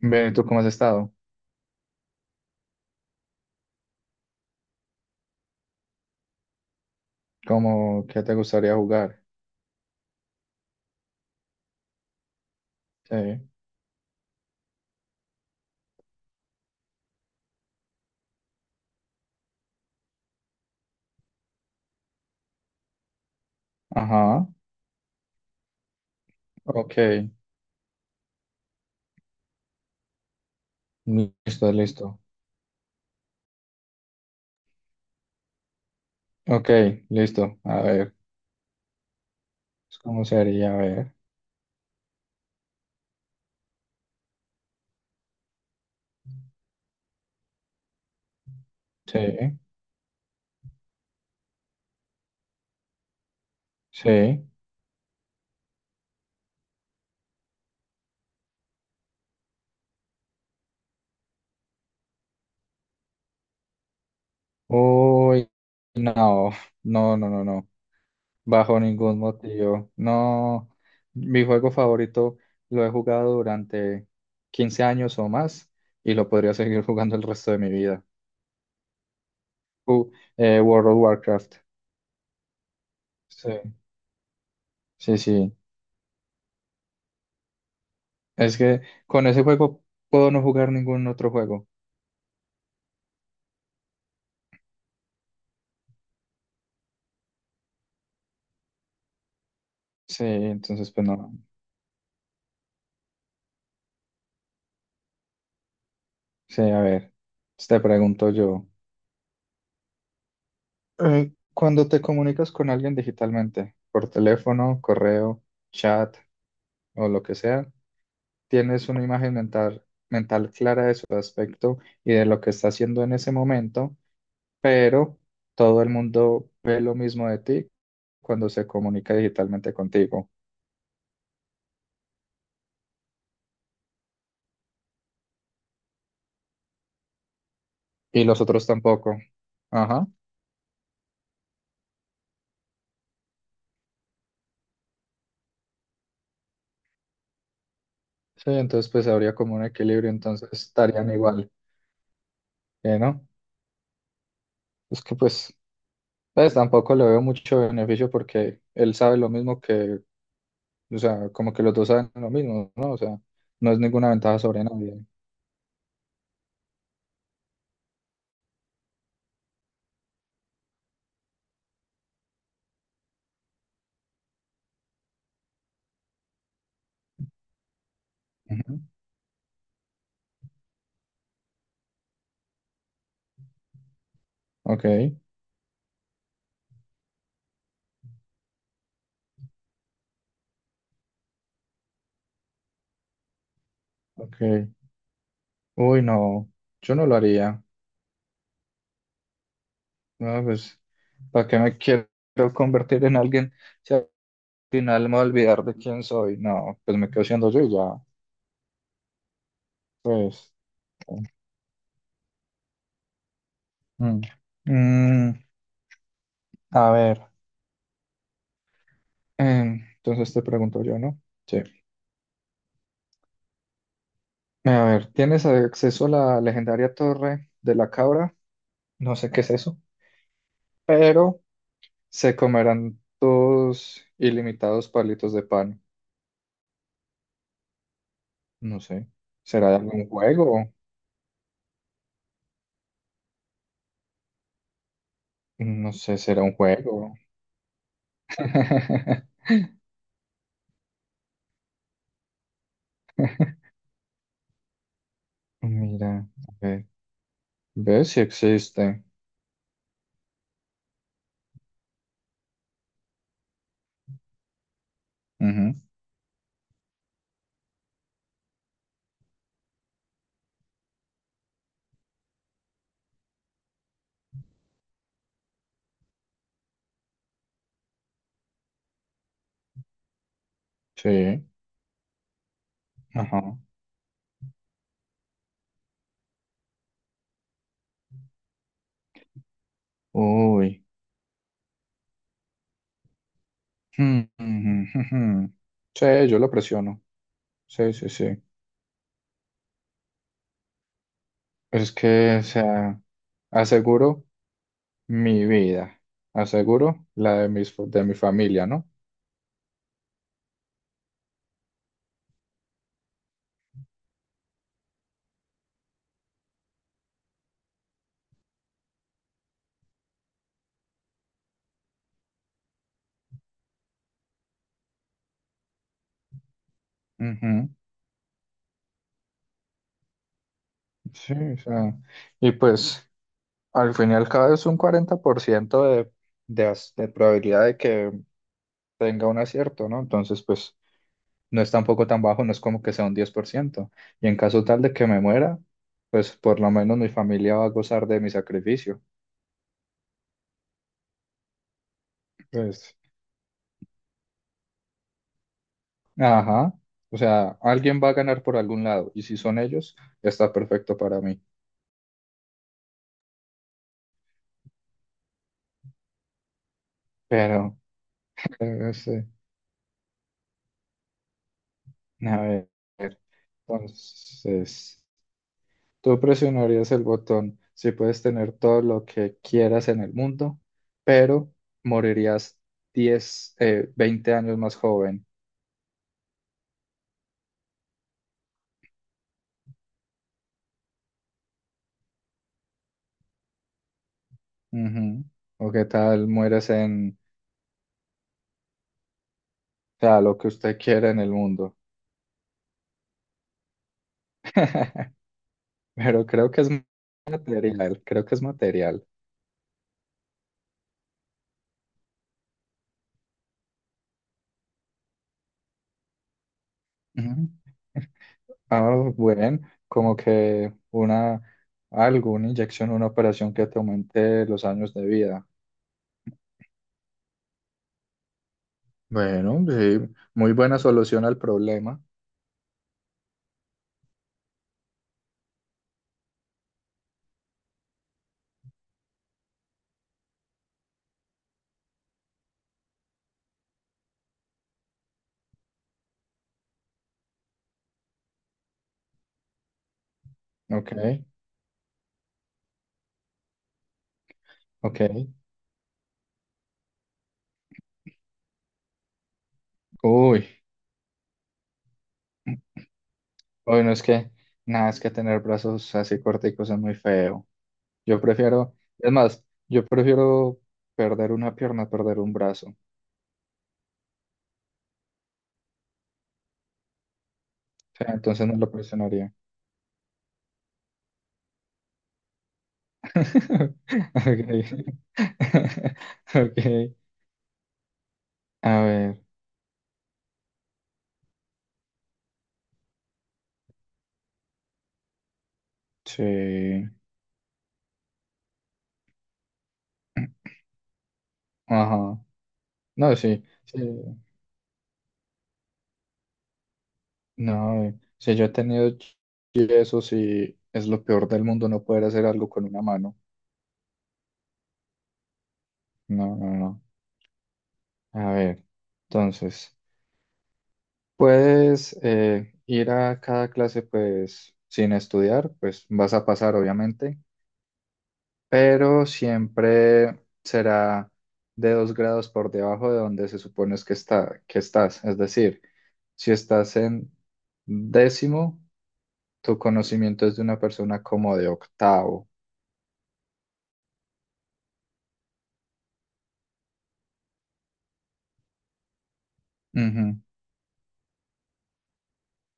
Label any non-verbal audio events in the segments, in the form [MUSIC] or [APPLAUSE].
Ve, ¿tú cómo has estado? ¿Cómo, qué te gustaría jugar? Sí. Ajá. Ok. Listo, listo. Ok, listo. A ver. ¿Cómo sería? A ver. Sí, sí. Uy, no. No, no, no, no. Bajo ningún motivo. No. Mi juego favorito lo he jugado durante 15 años o más y lo podría seguir jugando el resto de mi vida. Uh, World of Warcraft. Sí, sí, sí. Es que con ese juego puedo no jugar ningún otro juego. Sí, entonces pues no. Sí, a ver, pues, te pregunto yo. Cuando te comunicas con alguien digitalmente, por teléfono, correo, chat o lo que sea, tienes una imagen mental clara de su aspecto y de lo que está haciendo en ese momento, pero todo el mundo ve lo mismo de ti cuando se comunica digitalmente contigo y los otros tampoco. Ajá. Sí, entonces pues habría como un equilibrio, entonces estarían igual, ¿no? Es que pues tampoco le veo mucho beneficio porque él sabe lo mismo que, o sea, como que los dos saben lo mismo, ¿no? O sea, no es ninguna ventaja sobre nadie. Ujú. Ok, ok. Uy, no, yo no lo haría. No, pues, ¿para qué me quiero convertir en alguien si al final me voy a olvidar de quién soy? No, pues me quedo siendo yo y ya, pues. Mm. Mm, a ver. Entonces te pregunto yo, ¿no? Sí. A ver, tienes acceso a la legendaria Torre de la Cabra, no sé qué es eso, pero se comerán tus ilimitados palitos de pan. No sé. ¿Será de algún juego? No sé, será un juego. [LAUGHS] Mira, a ver, ¿ves si existe? Ujú, sí, ajá. Uy. Hmm, hmm, hmm, hmm. Sí, yo lo presiono. Sí, sí, sí. Es que, o sea. Aseguro mi vida. Aseguro la de mis, de mi familia, ¿no? Ujú, sí, o sea, y pues al fin y al cabo es un 40% de probabilidad de que tenga un acierto, ¿no? Entonces, pues no es tampoco tan bajo, no es como que sea un 10%. Y en caso tal de que me muera, pues por lo menos mi familia va a gozar de mi sacrificio. Pues, ajá, o sea, alguien va a ganar por algún lado y si son ellos, está perfecto para mí. Pero... Claro, sí. A ver, entonces, tú presionarías el botón si puedes tener todo lo que quieras en el mundo, pero morirías 10 20 años más joven. Ujú. O qué tal mueres en, o sea, lo que usted quiera en el mundo. [LAUGHS] Pero creo que es material, creo que es material. Ujú. Ah, bueno, como que una, algo, una inyección, una operación que te aumente los años de vida. Bueno, sí, muy buena solución al problema. Ok, ok. Uy, bueno, es que nada, es que tener brazos así corticos es muy feo. Yo prefiero, es más, yo prefiero perder una pierna, a perder un brazo. O sea, entonces no lo presionaría. [LAUGHS] Ok. [LAUGHS] Ok. A ver, sí. Ajá. No, sí, sí. No, si yo he tenido yesos y es lo peor del mundo no poder hacer algo con una mano. No, no, no. A ver, entonces, puedes ir a cada clase pues sin estudiar, pues vas a pasar obviamente, pero siempre será de dos grados por debajo de donde se supone es que está, que estás. Es decir, si estás en décimo, tu conocimiento es de una persona como de octavo. Ujú.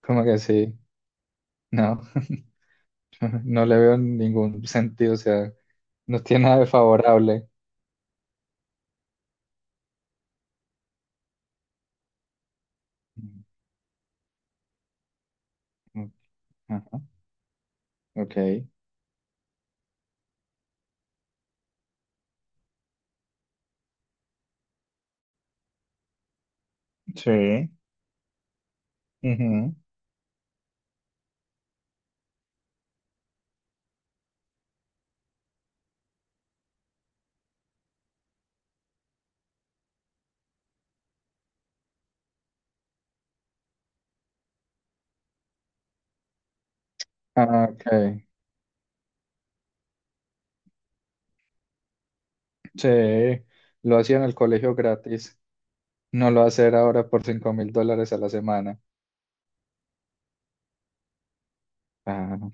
Como que sí, no, [LAUGHS] no le veo ningún sentido, o sea, no tiene nada de favorable. Mm, ajá, ok, sí, ujú, ah, ok, sí, lo hacía en el colegio gratis, no lo va a hacer ahora por $5,000 a la semana. Ah.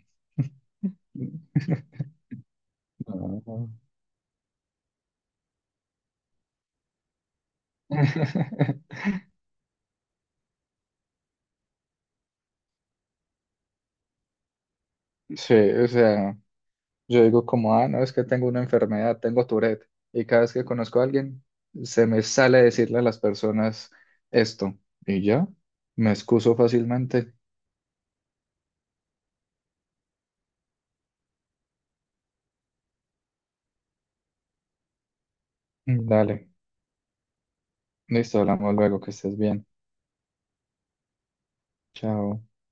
[LAUGHS] No. [LAUGHS] Sí, o sea. Yo digo como, ah, no, es que tengo una enfermedad, tengo Tourette. Y cada vez que conozco a alguien, se me sale decirle a las personas esto. Y ya, me excuso fácilmente. Mm, dale, listo, hablamos luego, que estés bien. Chao.